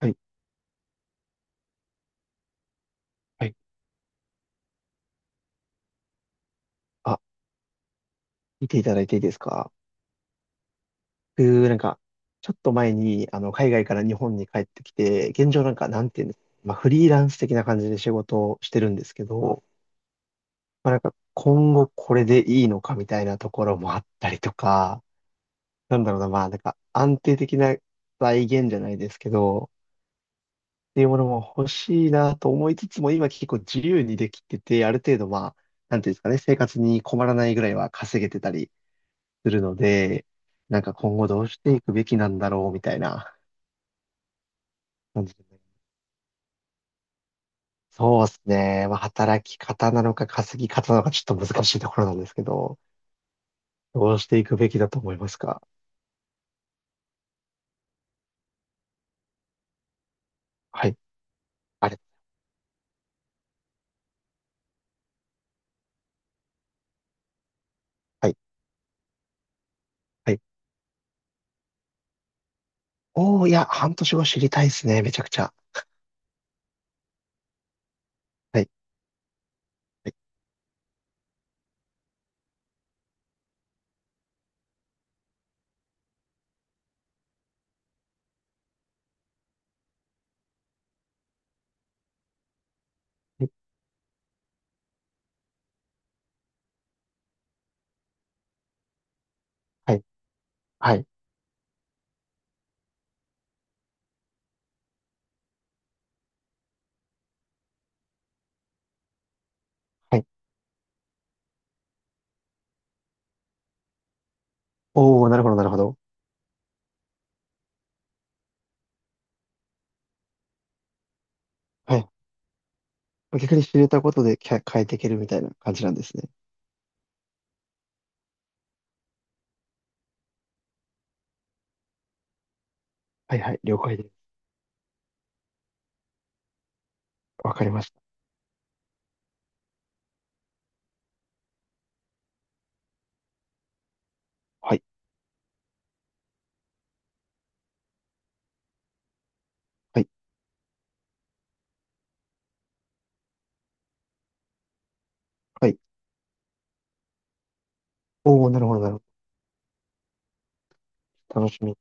はいはい。あ、見ていただいていいですか？僕、なんか、ちょっと前に、あの、海外から日本に帰ってきて、現状なんか、なんていうんですか、まあ、フリーランス的な感じで仕事をしてるんですけど、まあ、なんか、今後これでいいのかみたいなところもあったりとか、なんだろうな、まあ、なんか、安定的な財源じゃないですけど、っていうものも欲しいなと思いつつも、今結構自由にできてて、ある程度、まあ、なんていうんですかね、生活に困らないぐらいは稼げてたり、するので、なんか今後どうしていくべきなんだろうみたいな感じで。そうですね。まあ、働き方なのか稼ぎ方なのかちょっと難しいところなんですけど、どうしていくべきだと思いますか？はい。あれ。はい。はい。おー、いや、半年後知りたいですね。めちゃくちゃ。はい。はい。はい。はい。はい。おー、なるほど、なるほど。はい。逆に知れたことできゃ変えていけるみたいな感じなんですね。はいはい、了解です。わかりました。はい。はい。はい。おー、なるほど、なるほど。楽しみ。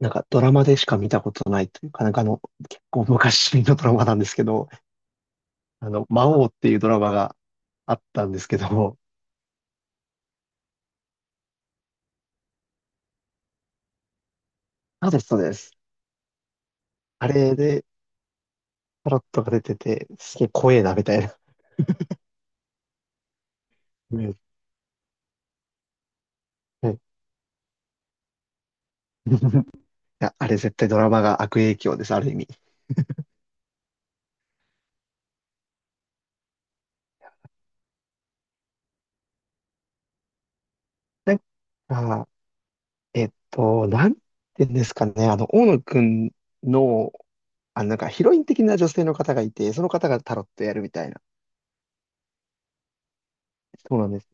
なんかドラマでしか見たことないというか、なんかあの、結構昔のドラマなんですけど、あの、魔王っていうドラマがあったんですけど、そうです、そうです。あれでタロットが出てて、すげえ怖えな、みたいな。うん。はい。 いや、あれ絶対ドラマが悪影響です、ある意味。なんか、なんて言うんですかね、あの、大野くんの、あの、なんかヒロイン的な女性の方がいて、その方がタロットやるみたいな。そうなんです。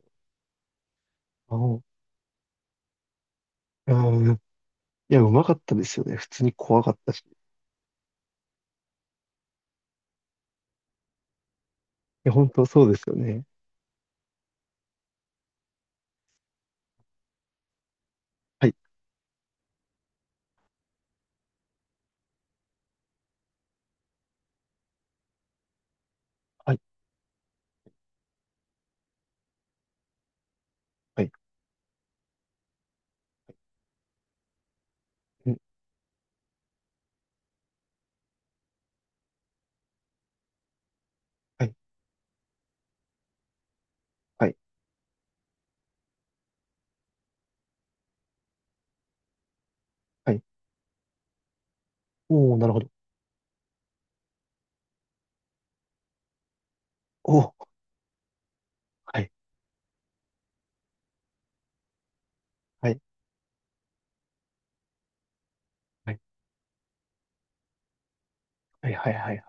おう。うん。いや、うまかったですよね。普通に怖かったし。いや、本当そうですよね。はい、はい、はい、うん、はい、はい、はい。おー、なるほど。おー、はい、はい、はい、はい、はい、はい、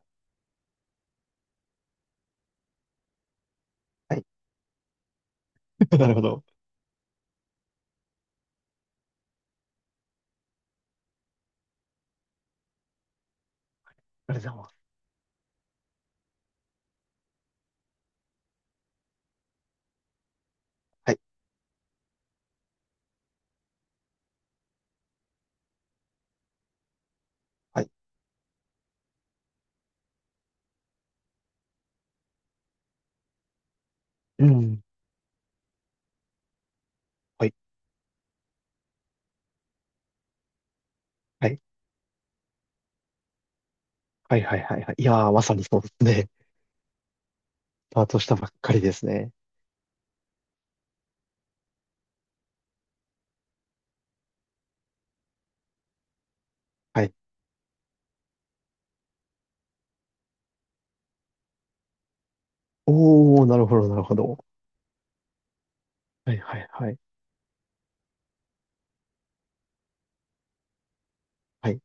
はい。なるほど。ありがとうございます。はい、はい、うん、はい、はい、はい、はい、はいはい。いやー、まさにそうですね。スタートしたばっかりですね。はい。おー、なるほど、なるほど。はい、はい、はい、はい。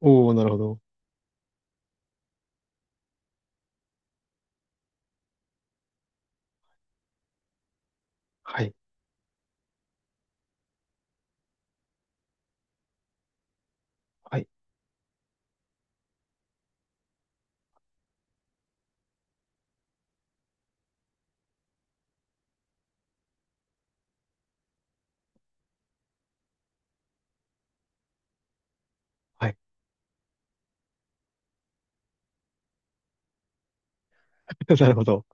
おー、なるほど。はい、はい、はい。なるほど。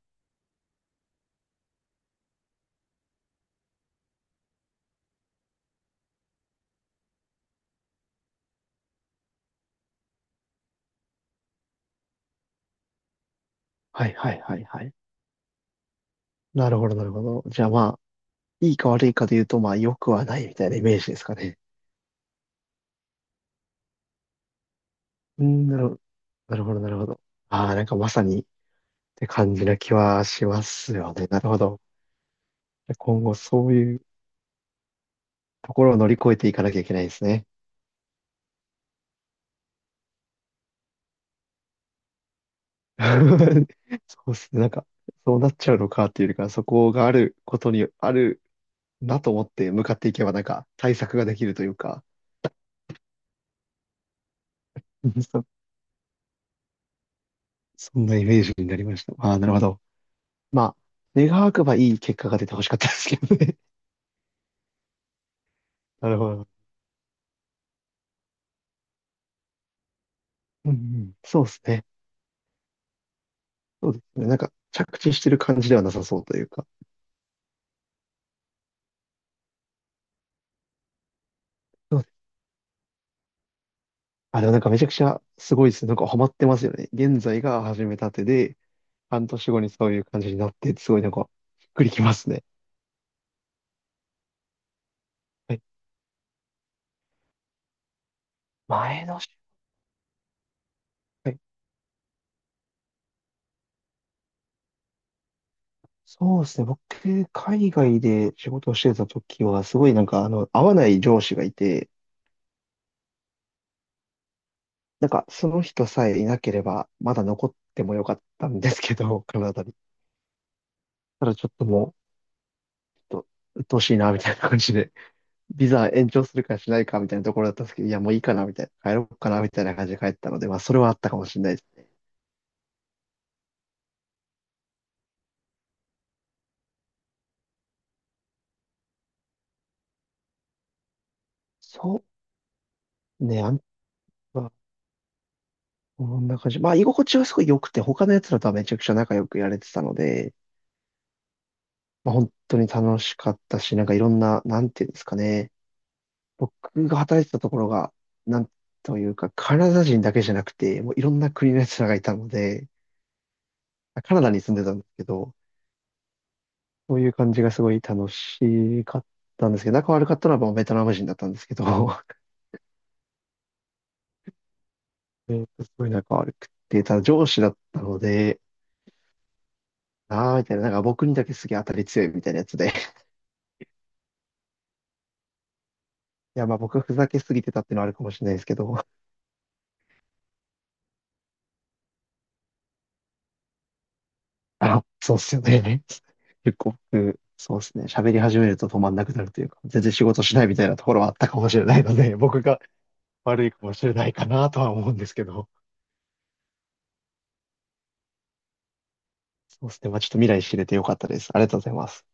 はい、はい、はい、はい。なるほど、なるほど。じゃあまあ、いいか悪いかで言うと、まあ、良くはないみたいなイメージですかね。うん、なるほど、なるほど、なるほど。ああ、なんかまさにって感じな気はしますよね。なるほど。今後そういうところを乗り越えていかなきゃいけないですね。そうですね。なんか、そうなっちゃうのかっていうよりかそこがあることにあるなと思って向かっていけば、なんか対策ができるというか、そ、そんなイメージになりました。ああ、なるほど。まあ、願わくばいい結果が出てほしかったですけどね。なるほど。うんうん、そうですね。そうですね。なんか、着地してる感じではなさそうというか。そうです。あ、でもなんかめちゃくちゃすごいですね。なんかハマってますよね。現在が始めたてで、半年後にそういう感じになって、すごいなんか、びっくりきますね。はい。前のし、はい。そうですね。僕、海外で仕事をしてた時は、すごいなんか、あの、合わない上司がいて、なんか、その人さえいなければ、まだ残ってもよかったんですけど、カナダに。ただちょっともう、ちょっと、鬱陶しいな、みたいな感じで。ビザ延長するかしないかみたいなところだったんですけど、いや、もういいかな、みたいな、帰ろうかな、みたいな感じで帰ったので、まあ、それはあったかもしれないです。そうね、あんまこんな感じ。まあ、居心地はすごい良くて、他のやつらとはめちゃくちゃ仲良くやれてたので、まあ、本当に楽しかったし、なんかいろんな、なんていうんですかね、僕が働いてたところが、なんというか、カナダ人だけじゃなくて、もういろんな国のやつらがいたので、カナダに住んでたんですけど、そういう感じがすごい楽しかったんですけど、仲悪かったのはもうベトナム人だったんですけど、すごいなんか悪くて、ただ上司だったので、あーみたいな、なんか僕にだけすげえ当たり強いみたいなやつで。いや、まあ僕はふざけすぎてたっていうのはあるかもしれないですけど、あ、そうっすよね。結構僕、そうっすね。喋り始めると止まんなくなるというか、全然仕事しないみたいなところはあったかもしれないので、僕が悪いかもしれないかなとは思うんですけど、そうっすね。まあちょっと未来知れてよかったです。ありがとうございます。